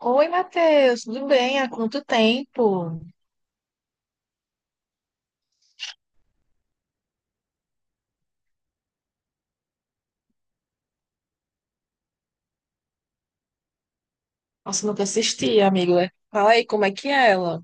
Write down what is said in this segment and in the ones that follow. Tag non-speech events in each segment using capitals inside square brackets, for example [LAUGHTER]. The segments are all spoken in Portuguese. Oi, Matheus, tudo bem? Há quanto tempo? Nossa, nunca assisti, amigo. Fala aí, como é que é ela?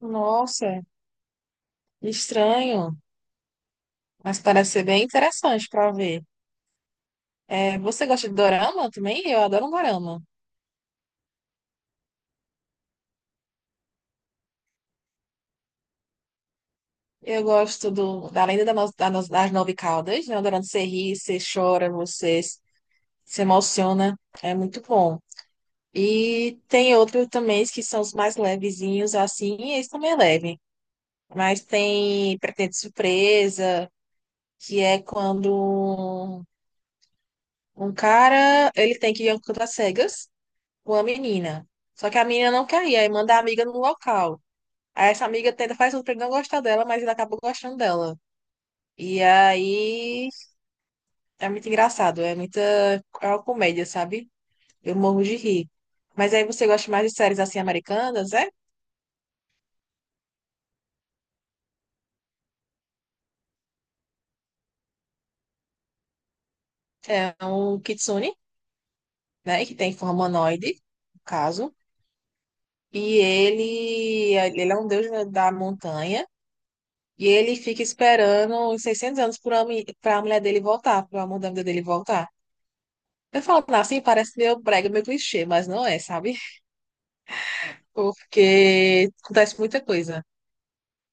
Nossa, estranho, mas parece ser bem interessante para ver. É, você gosta de dorama também? Eu adoro um dorama. Eu gosto da Lenda da No- da No- das Nove Caudas, né? O dorama que você ri, você chora, você se emociona. É muito bom. E tem outros também que são os mais levezinhos, assim, e esse também é leve. Mas tem Pretende Surpresa, que é quando um cara, ele tem que ir a um canto às cegas com a menina. Só que a menina não quer ir, aí manda a amiga no local. Aí essa amiga tenta faz tudo pra ele não gostar dela, mas ele acaba gostando dela. E aí é muito engraçado, é muita é uma comédia, sabe? Eu morro de rir. Mas aí você gosta mais de séries assim americanas, é? É um Kitsune, né? Que tem forma humanoide, no caso. E ele é um deus da montanha. E ele fica esperando uns 600 anos para a mulher dele voltar, para o amor da vida dele voltar. Eu falo assim, parece meio brega, meio clichê, mas não é, sabe? Porque acontece muita coisa.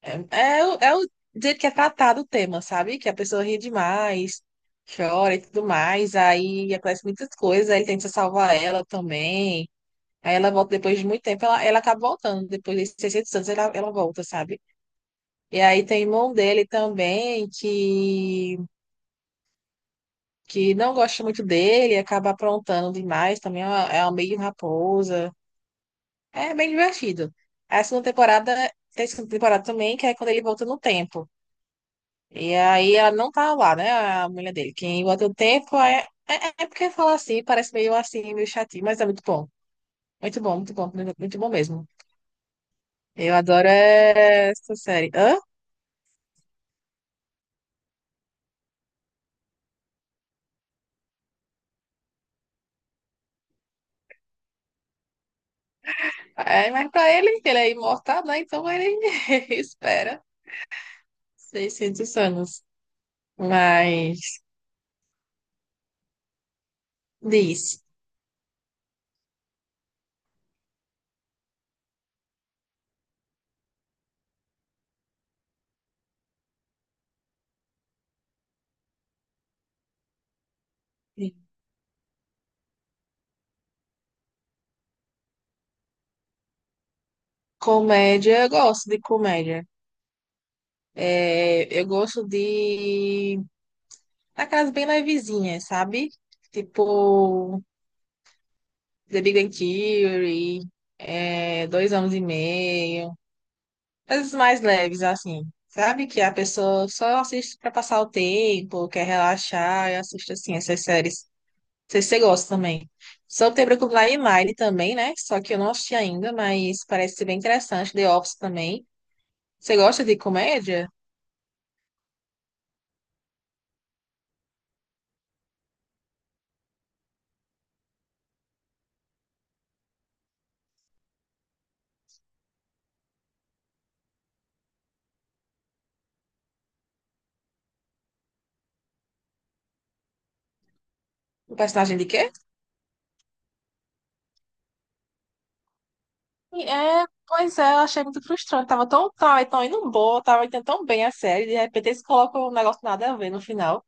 É, é o jeito que é tratado o tema, sabe? Que a pessoa ri demais, chora e tudo mais, aí acontece muitas coisas, aí ele tenta salvar ela também. Aí ela volta depois de muito tempo, ela acaba voltando. Depois de 600 anos, ela volta, sabe? E aí tem irmão dele também, que não gosta muito dele, acaba aprontando demais, também é uma meio raposa. É bem divertido. A segunda temporada, tem segunda temporada também, que é quando ele volta no tempo. E aí ela não tá lá, né? A mulher dele. Quem volta no tempo é porque fala assim, parece meio assim, meio chatinho, mas é muito bom. Muito bom, muito bom, muito bom mesmo. Eu adoro essa série. Hã? É, mas pra ele, ele é imortal, né? Então ele [LAUGHS] espera 600 anos. Mas diz. Comédia, eu gosto de comédia. É, eu gosto de aquelas bem levezinhas, sabe? Tipo The Big Bang Theory, é, Dois Anos e Meio, coisas mais leves assim, sabe? Que a pessoa só assiste pra passar o tempo, quer relaxar e assiste assim essas séries. Não sei se você gosta também. Só tem Brooklyn Nine-Nine também, né? Só que eu não assisti ainda, mas parece ser bem interessante. The Office também. Você gosta de comédia? O personagem de quê? Pois é, eu achei muito frustrante. Tava tão indo boa, tava indo tão bem a série, de repente eles colocam um negócio nada a ver no final.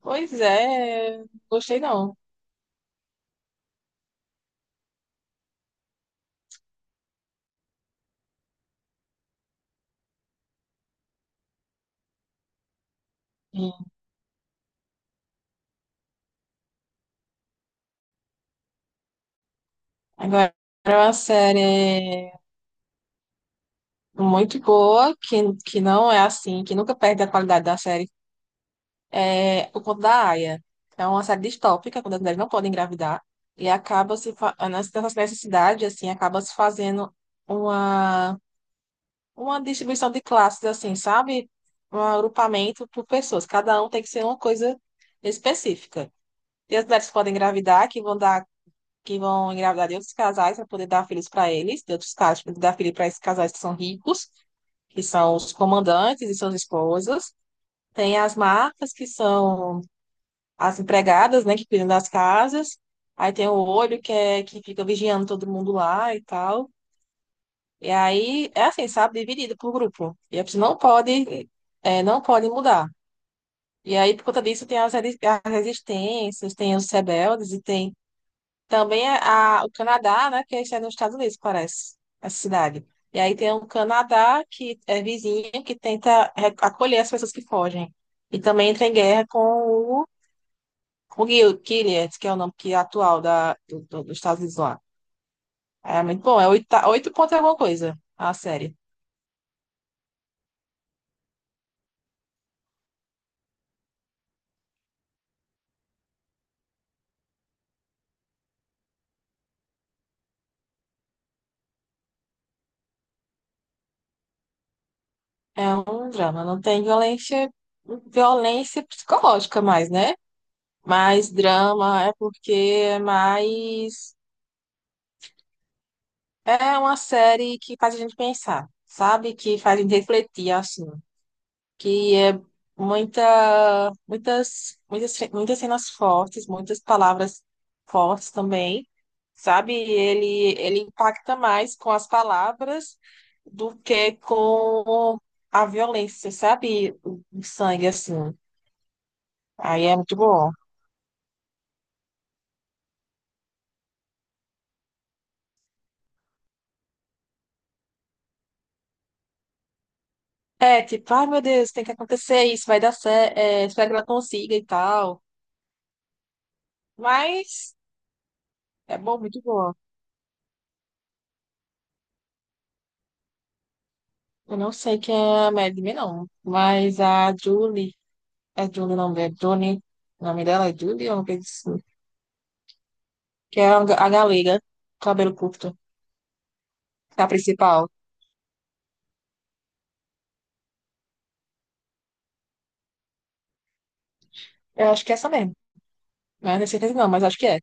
Pois é, gostei não. E Agora é uma série muito boa, que não é assim, que nunca perde a qualidade da série. É O Conto da Aia. É uma série distópica, quando as mulheres não podem engravidar. E acaba se, fa- nessa nessa necessidade, assim, acaba se fazendo uma. uma distribuição de classes, assim, sabe? Um agrupamento por pessoas. Cada um tem que ser uma coisa específica. Tem as mulheres que podem engravidar, que vão dar, que vão engravidar de outros casais para poder dar filhos para eles, de outros casais, para poder dar filhos para esses casais que são ricos, que são os comandantes e suas esposas. Tem as marcas, que são as empregadas, né, que cuidam das casas. Aí tem o olho, que é que fica vigiando todo mundo lá e tal. E aí, é assim, sabe? Dividido por grupo. E a pessoa não pode, é, não pode mudar. E aí, por conta disso, tem as resistências, tem os rebeldes e tem também o Canadá, né? Que é, isso é nos Estados Unidos, parece, essa cidade. E aí tem o Canadá, que é vizinho, que tenta acolher as pessoas que fogem. E também entra em guerra com o, com o Gilead, que é o nome que é atual dos Estados Unidos lá. É muito bom, é oito, oito pontos e alguma coisa, a série. É um drama, não tem violência, violência psicológica mais, né? Mais drama é porque é mais é uma série que faz a gente pensar, sabe? Que faz a gente refletir assim, que é muitas, muitas, muitas cenas fortes, muitas palavras fortes também, sabe? Ele impacta mais com as palavras do que com a violência, sabe? O sangue assim. Aí é muito bom. É, tipo, ai meu Deus, tem que acontecer isso, vai dar certo, espero que ela consiga e tal. Mas é bom, muito boa. Eu não sei quem é a Madeline, não. Mas a Julie, é Julie o nome dela, Johnny, o nome dela é Julie ou não coisa assim? Que é a galega, cabelo curto, que é a principal. Eu acho que é essa mesmo. Mas não tenho certeza não, mas acho que é.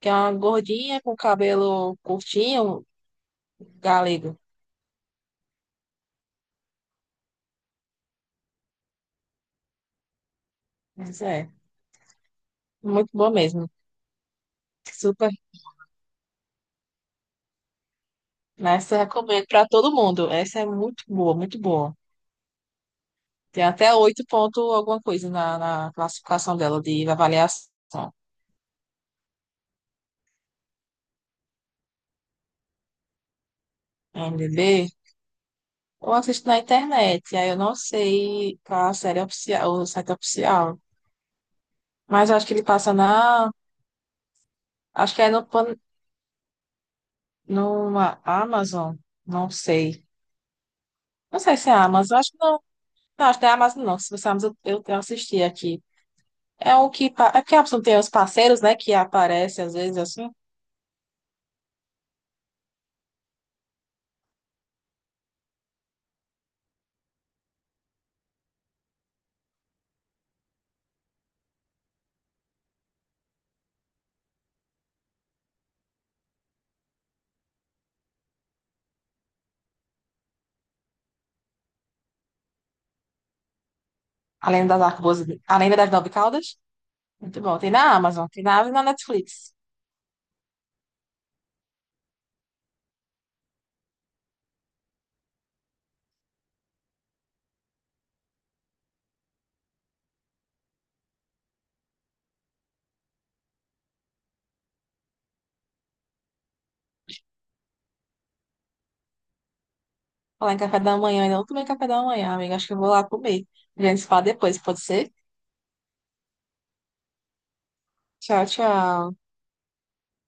Que é uma gordinha com cabelo curtinho, galego. Mas é, muito boa mesmo. Super Essa eu recomendo para todo mundo. Essa é muito boa, muito boa. Tem até oito ponto alguma coisa na, na classificação dela de avaliação. MDB, eu assisto na internet, aí eu não sei qual a série oficial, o site oficial. Mas eu acho que ele passa na. Acho que é no, Pan- numa Amazon. Não sei. Não sei se é Amazon, acho que não. Não, acho que não é Amazon, não. Se você é Amazon, eu assisti aqui. É porque a Amazon tem os parceiros, né? Que aparecem às vezes assim. A Lenda das Arcabuzes, A Lenda das Nove Caudas? Muito bom. Tem na Amazon e na Netflix. Falar em café da manhã, ainda não tomei café da manhã, amiga. Acho que eu vou lá comer. A gente se fala depois, pode ser? Tchau, tchau.